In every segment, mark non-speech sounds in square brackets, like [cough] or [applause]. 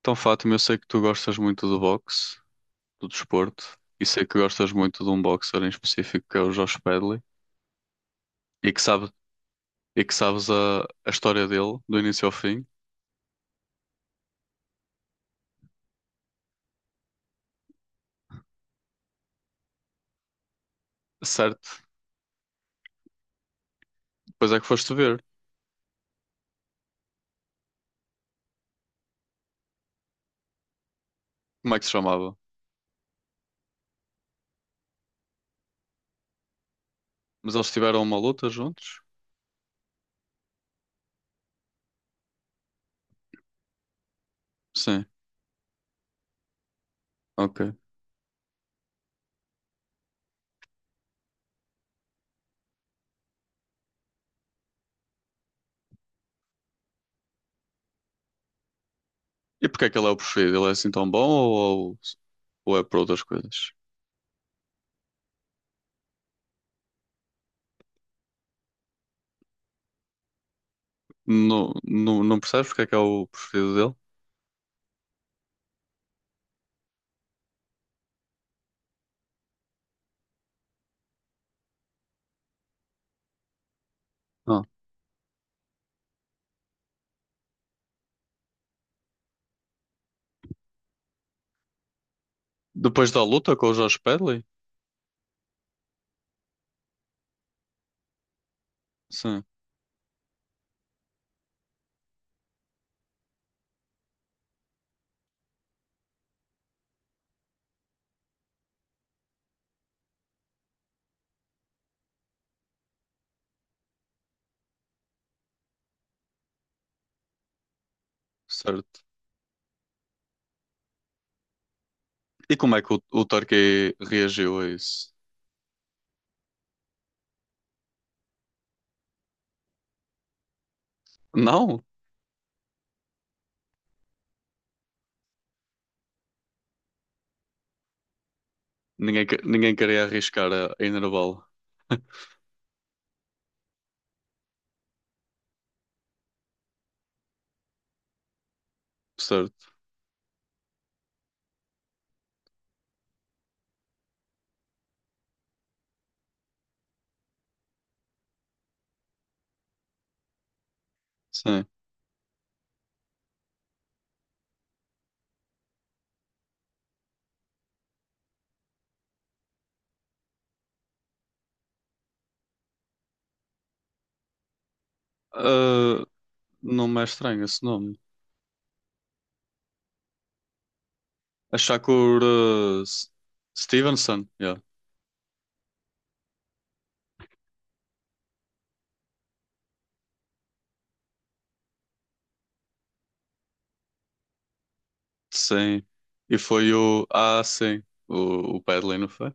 Então, Fátima, eu sei que tu gostas muito do boxe, do desporto, e sei que gostas muito de um boxer em específico que é o Josh Pedley, e que sabe, e que sabes a história dele, do início ao fim, certo? Depois é que foste ver como é que se chamava. Mas eles tiveram uma luta juntos? Sim, ok. E porque é que ele é o preferido? Ele é assim tão bom ou, ou é por outras coisas? Não, não, não percebes porque é que é o preferido dele? Não. Depois da luta com o Josh Pedley? Sim, certo. E como é que o Torquay reagiu a isso? Não, ninguém, ninguém queria arriscar a enervá-lo. [laughs] Certo, sim. Ah, não me é estranho esse nome. A Shakur, Stevenson, yeah. Sim. E foi o. Ah, sim. O Padley, não foi?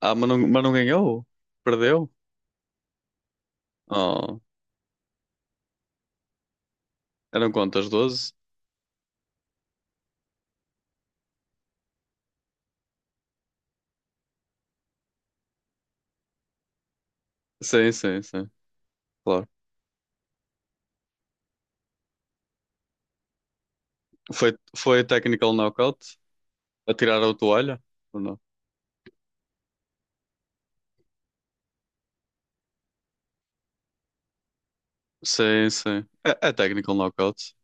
Ah, mas não ganhou? Perdeu? Oh, eram quantas? 12? Sim, sim, sim. Claro. Foi, foi a technical knockout? Atiraram a toalha? Ou não? Sim, sim. É, é technical knockout.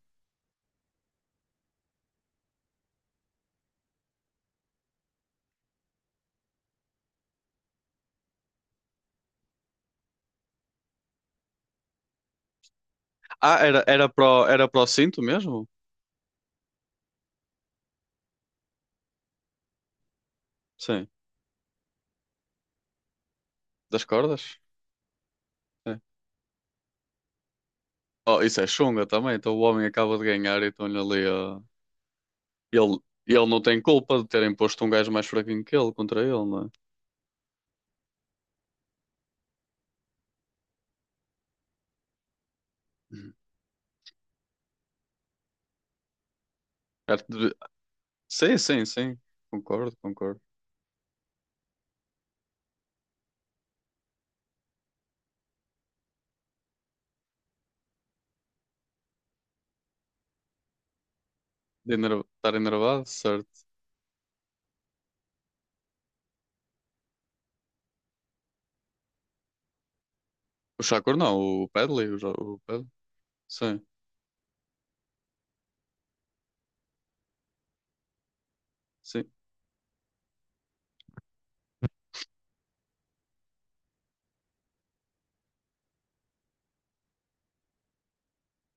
Ah, era, era para o cinto mesmo? Sim. Das cordas? É. Oh, isso é chunga também. Então o homem acaba de ganhar e estão-lhe ali a. Ele, ele não tem culpa de terem posto um gajo mais fraquinho que ele contra ele, não é? Hum. Arte de- Sim, sim, sim. Concordo, concordo. Estar enervado, certo. O Shakur não, o Padley, o Padley. Sim, sim.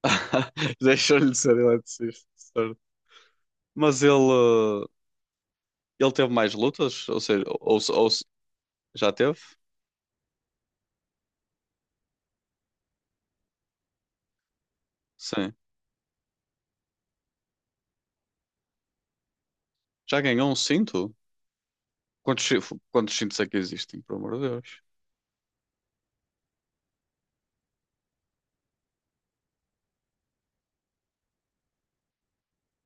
[laughs] Deixou-lhe de ser eletricista, certo. Mas ele. Ele teve mais lutas? Ou seja, já teve? Sim. Já ganhou um cinto? Quantos, chi- quantos cintos é que existem, pelo amor de Deus?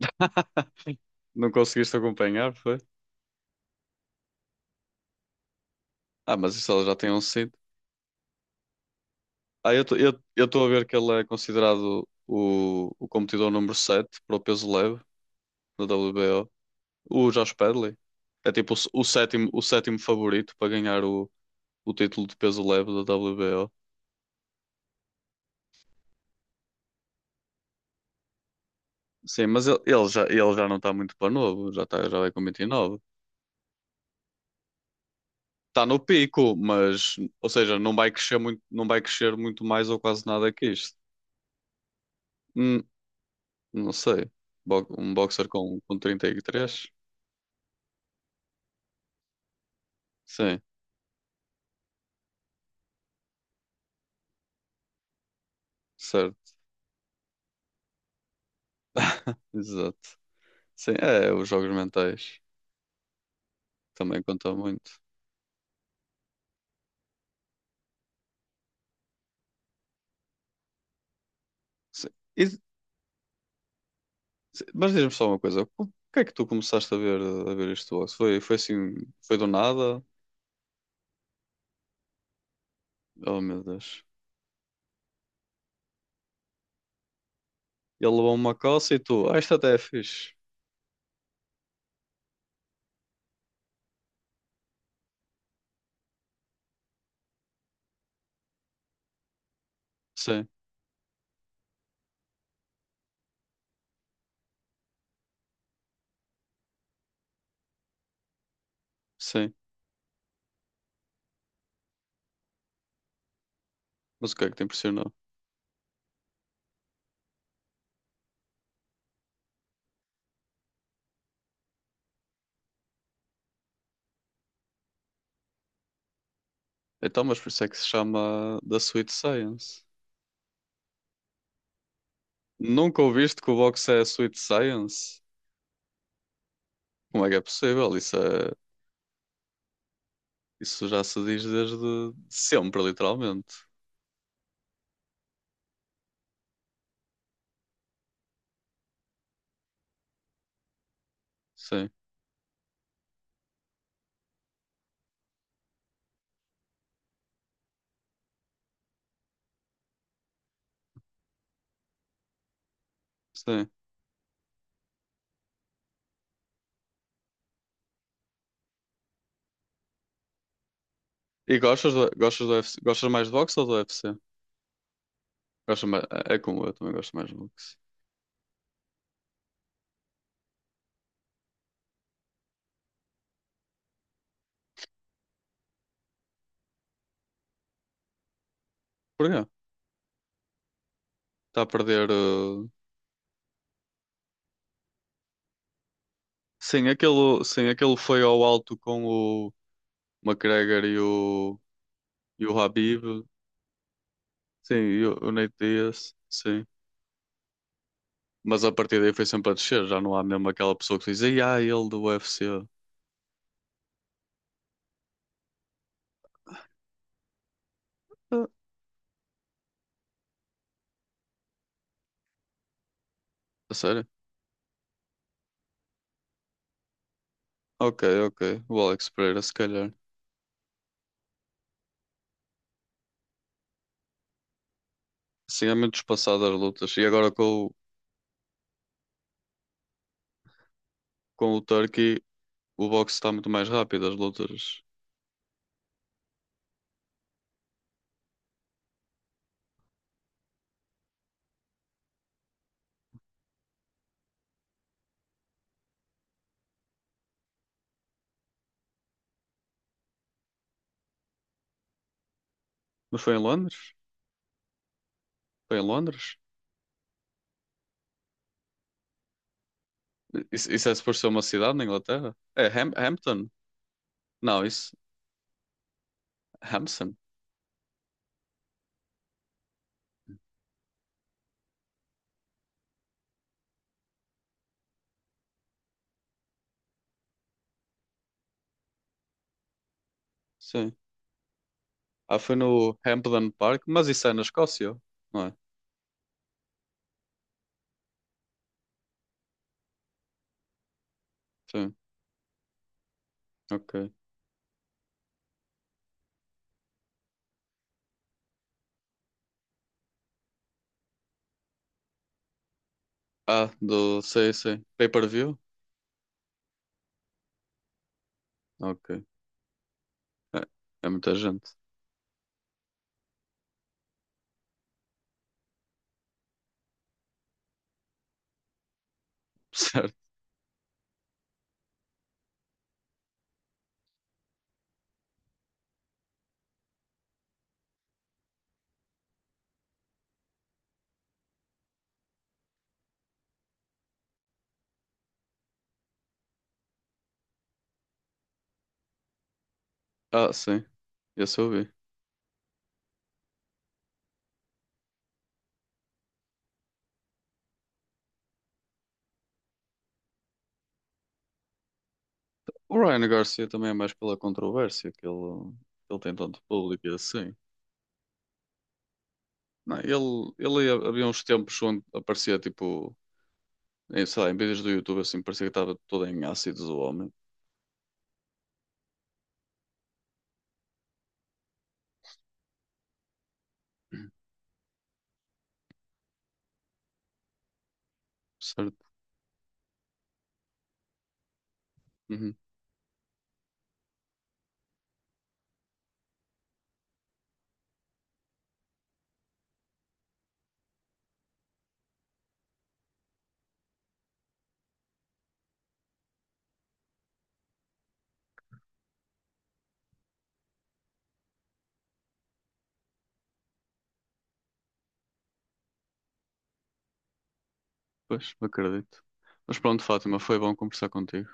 [laughs] Não conseguiste acompanhar, foi? Ah, mas isso ela já tem um cinto. Eu tô a ver que ele é considerado o competidor número 7 para o peso leve da WBO. O Josh Pedley. É tipo o sétimo favorito para ganhar o título de peso leve da WBO. Sim, mas ele, ele já não está muito para novo, já, tá, já vai com 29. Está no pico, mas, ou seja, não vai crescer muito, não vai crescer muito mais ou quase nada que isto. Hum, não sei. Um boxer com 33? Sim, certo. [laughs] Exato. Sim, é, os jogos mentais também contam muito. Sim. E- mas diz-me só uma coisa, o que é que tu começaste a ver isto boxe? Foi, foi assim, foi do nada? Oh meu Deus. Ele levou uma coça e tu, ah, isto até é fixe. Sim, sim. Mas o que é que te impressionou? Então, mas por isso é que se chama da Sweet Science. Nunca ouviste que o boxe é Sweet Science? Como é que é possível? Isso é, isso já se diz desde sempre, literalmente. Sim, sim. E gostas do UFC? Gostas mais de boxe ou do UFC? Gostas mais, é como eu, também gosto mais de boxe. Porquê? Está a perder. Sim, aquele foi ao alto com o McGregor e o Habib. Sim, e o Nate Diaz. Sim. Mas a partir daí foi sempre a descer, já não há mesmo aquela pessoa que diz, "Ei, ah, ele do UFC." Ah, a sério? Ok, ok. O Alex Pereira, se calhar. Sim, é muito espaçado as lutas. E agora com o Turkey, o boxe está muito mais rápido, as lutas. Mas foi em Londres? Foi em Londres? Isso é suposto ser uma cidade na Inglaterra? É Hampton? Não, isso. Hampson? Sim. Ah, foi no Hampden Park, mas isso é na Escócia, não é? Sim, ok. Ah, do. Sei, sei. Pay-per-view? Ok. É, é muita gente. [laughs] Certo. Ah, sim. Esse eu vi. O Ryan Garcia também é mais pela controvérsia que ele tem tanto público e assim. Não, ele, havia uns tempos onde aparecia tipo, em, sei lá, em vídeos do YouTube assim, parecia que estava todo em ácidos o homem. [clears throat] Certo. Uhum. Pois, acredito. Mas pronto, Fátima, foi bom conversar contigo.